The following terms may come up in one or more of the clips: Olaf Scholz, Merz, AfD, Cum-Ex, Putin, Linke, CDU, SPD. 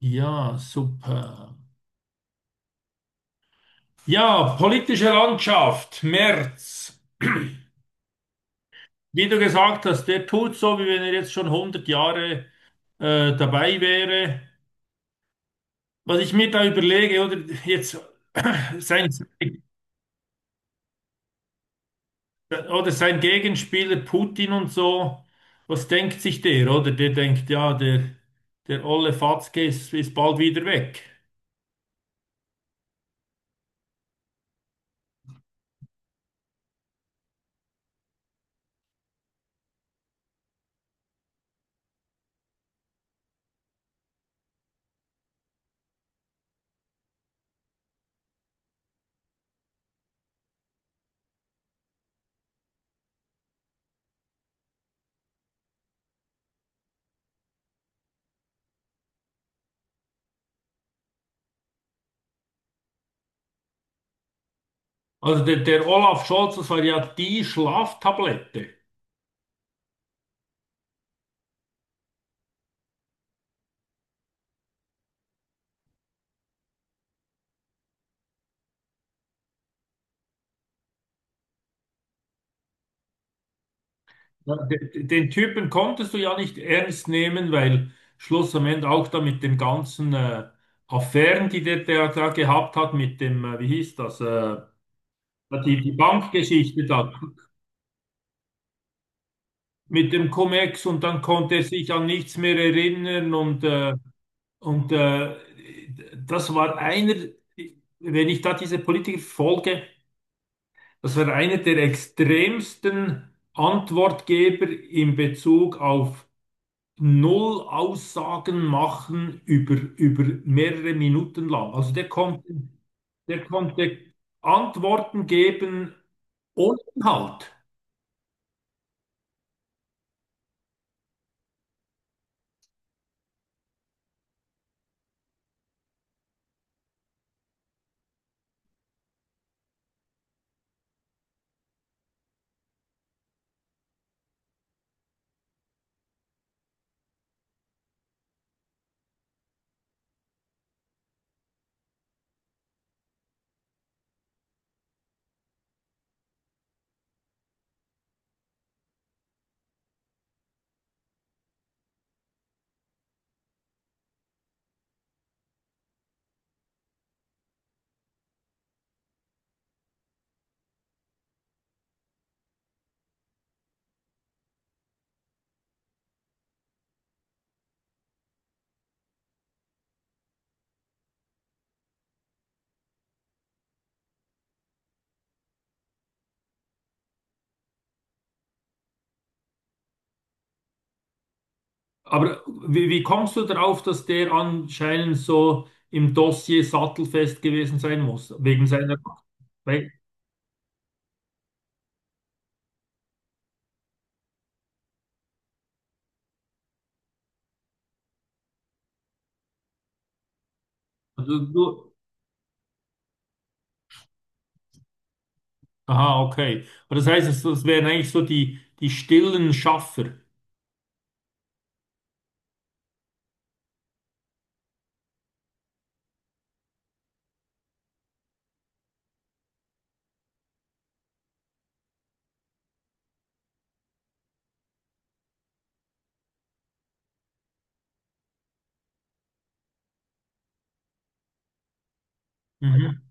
Ja, super. Ja, politische Landschaft, Merz. Wie du gesagt hast, der tut so, wie wenn er jetzt schon hundert Jahre dabei wäre. Was ich mir da überlege, oder jetzt sein, oder sein Gegenspieler Putin und so, was denkt sich der, oder? Der denkt, ja, der olle Fatzke ist bald wieder weg. Also der Olaf Scholz, das war ja die Schlaftablette. Den Typen konntest du ja nicht ernst nehmen, weil Schluss am Ende auch da mit den ganzen Affären, die der da gehabt hat, mit dem, wie hieß das, die Bankgeschichte da, mit dem Cum-Ex, und dann konnte er sich an nichts mehr erinnern, und das war einer, wenn ich da diese Politiker folge, das war einer der extremsten Antwortgeber in Bezug auf null Aussagen machen über, über mehrere Minuten lang. Also der konnte Antworten geben ohne Inhalt. Aber wie kommst du darauf, dass der anscheinend so im Dossier sattelfest gewesen sein muss? Wegen seiner. weil- Also du, aha, okay. Aber das heißt, das wären eigentlich so die stillen Schaffer. Mhm.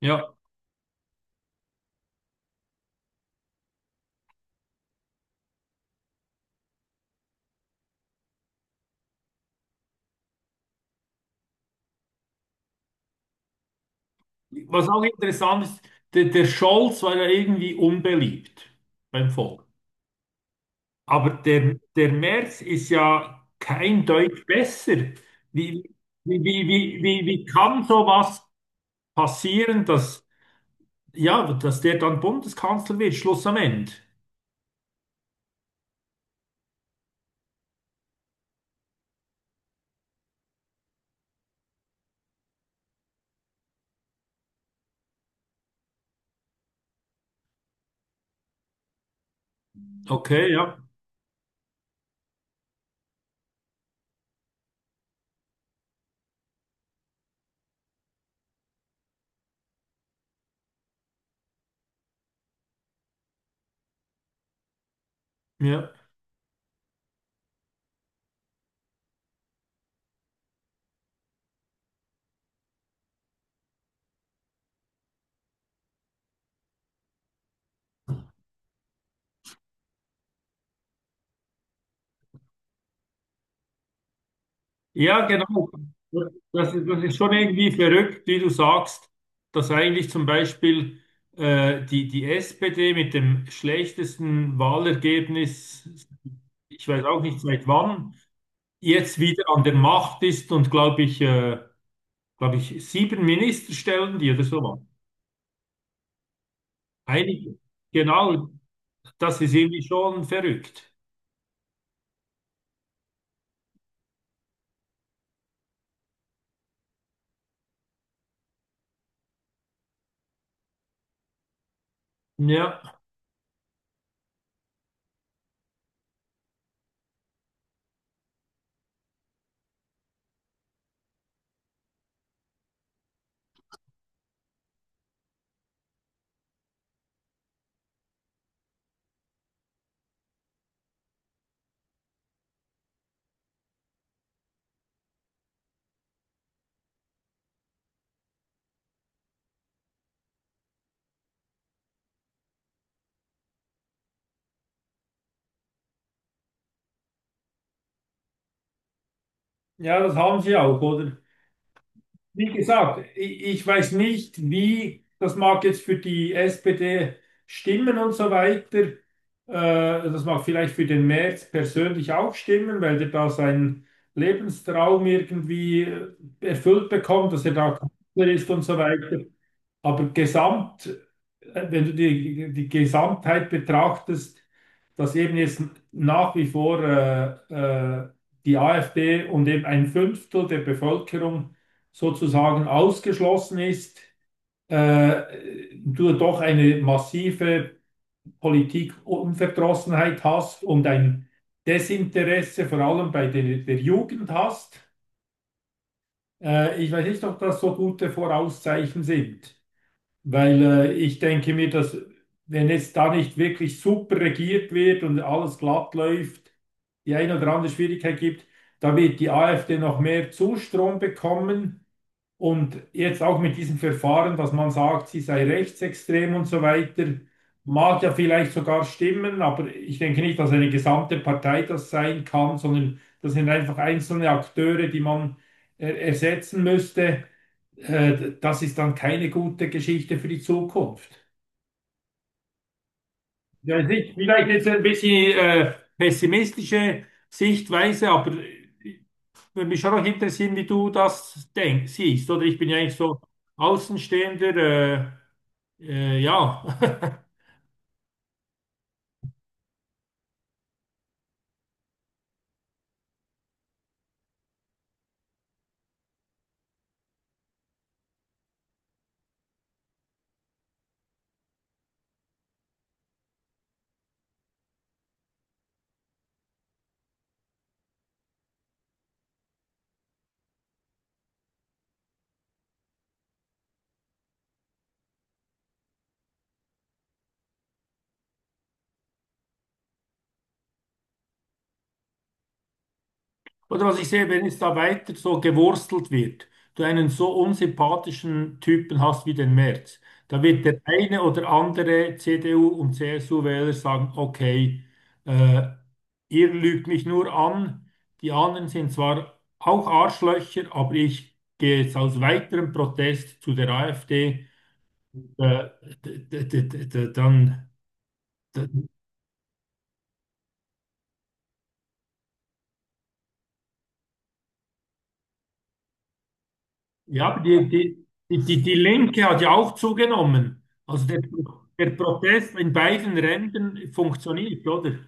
Ja. Was auch interessant ist, der Scholz war ja irgendwie unbeliebt beim Volk. Aber der Merz ist ja kein Deut besser. Wie, wie kann sowas passieren, dass, ja, dass der dann Bundeskanzler wird, Schluss am Ende? Okay, ja, ja. Ja, genau. Das ist schon irgendwie verrückt, wie du sagst, dass eigentlich zum Beispiel die SPD mit dem schlechtesten Wahlergebnis, ich weiß auch nicht seit wann, jetzt wieder an der Macht ist und glaube ich, sieben Minister stellen die oder so was. Einige. Genau, das ist irgendwie schon verrückt. Ja, ja, das haben sie auch, oder? Wie gesagt, ich weiß nicht, wie, das mag jetzt für die SPD stimmen und so weiter. Das mag vielleicht für den Merz persönlich auch stimmen, weil der da seinen Lebenstraum irgendwie erfüllt bekommt, dass er da Kanzler ist und so weiter. Aber gesamt, wenn du die Gesamtheit betrachtest, dass eben jetzt nach wie vor die AfD und eben ein Fünftel der Bevölkerung sozusagen ausgeschlossen ist, du doch eine massive Politikunverdrossenheit hast und ein Desinteresse vor allem bei der Jugend hast. Ich weiß nicht, ob das so gute Vorauszeichen sind. Weil ich denke mir, dass wenn jetzt da nicht wirklich super regiert wird und alles glatt läuft, die eine oder andere Schwierigkeit gibt, da wird die AfD noch mehr Zustrom bekommen. Und jetzt auch mit diesem Verfahren, dass man sagt, sie sei rechtsextrem und so weiter, mag ja vielleicht sogar stimmen, aber ich denke nicht, dass eine gesamte Partei das sein kann, sondern das sind einfach einzelne Akteure, die man ersetzen müsste, das ist dann keine gute Geschichte für die Zukunft. Ja, es ist vielleicht jetzt ein bisschen pessimistische Sichtweise, aber würde mich schon noch interessieren, wie du das denkst, siehst, oder? Ich bin ja eigentlich so Außenstehender, ja. Oder was ich sehe, wenn es da weiter so gewurstelt wird, du einen so unsympathischen Typen hast wie den Merz, da wird der eine oder andere CDU- und CSU-Wähler sagen, okay, äh, ihr lügt mich nur an, die anderen sind zwar auch Arschlöcher, aber ich gehe jetzt aus weiterem Protest zu der AfD, äh, dann, ja, aber die Linke hat ja auch zugenommen. Also der, der Protest in beiden Rändern funktioniert, oder?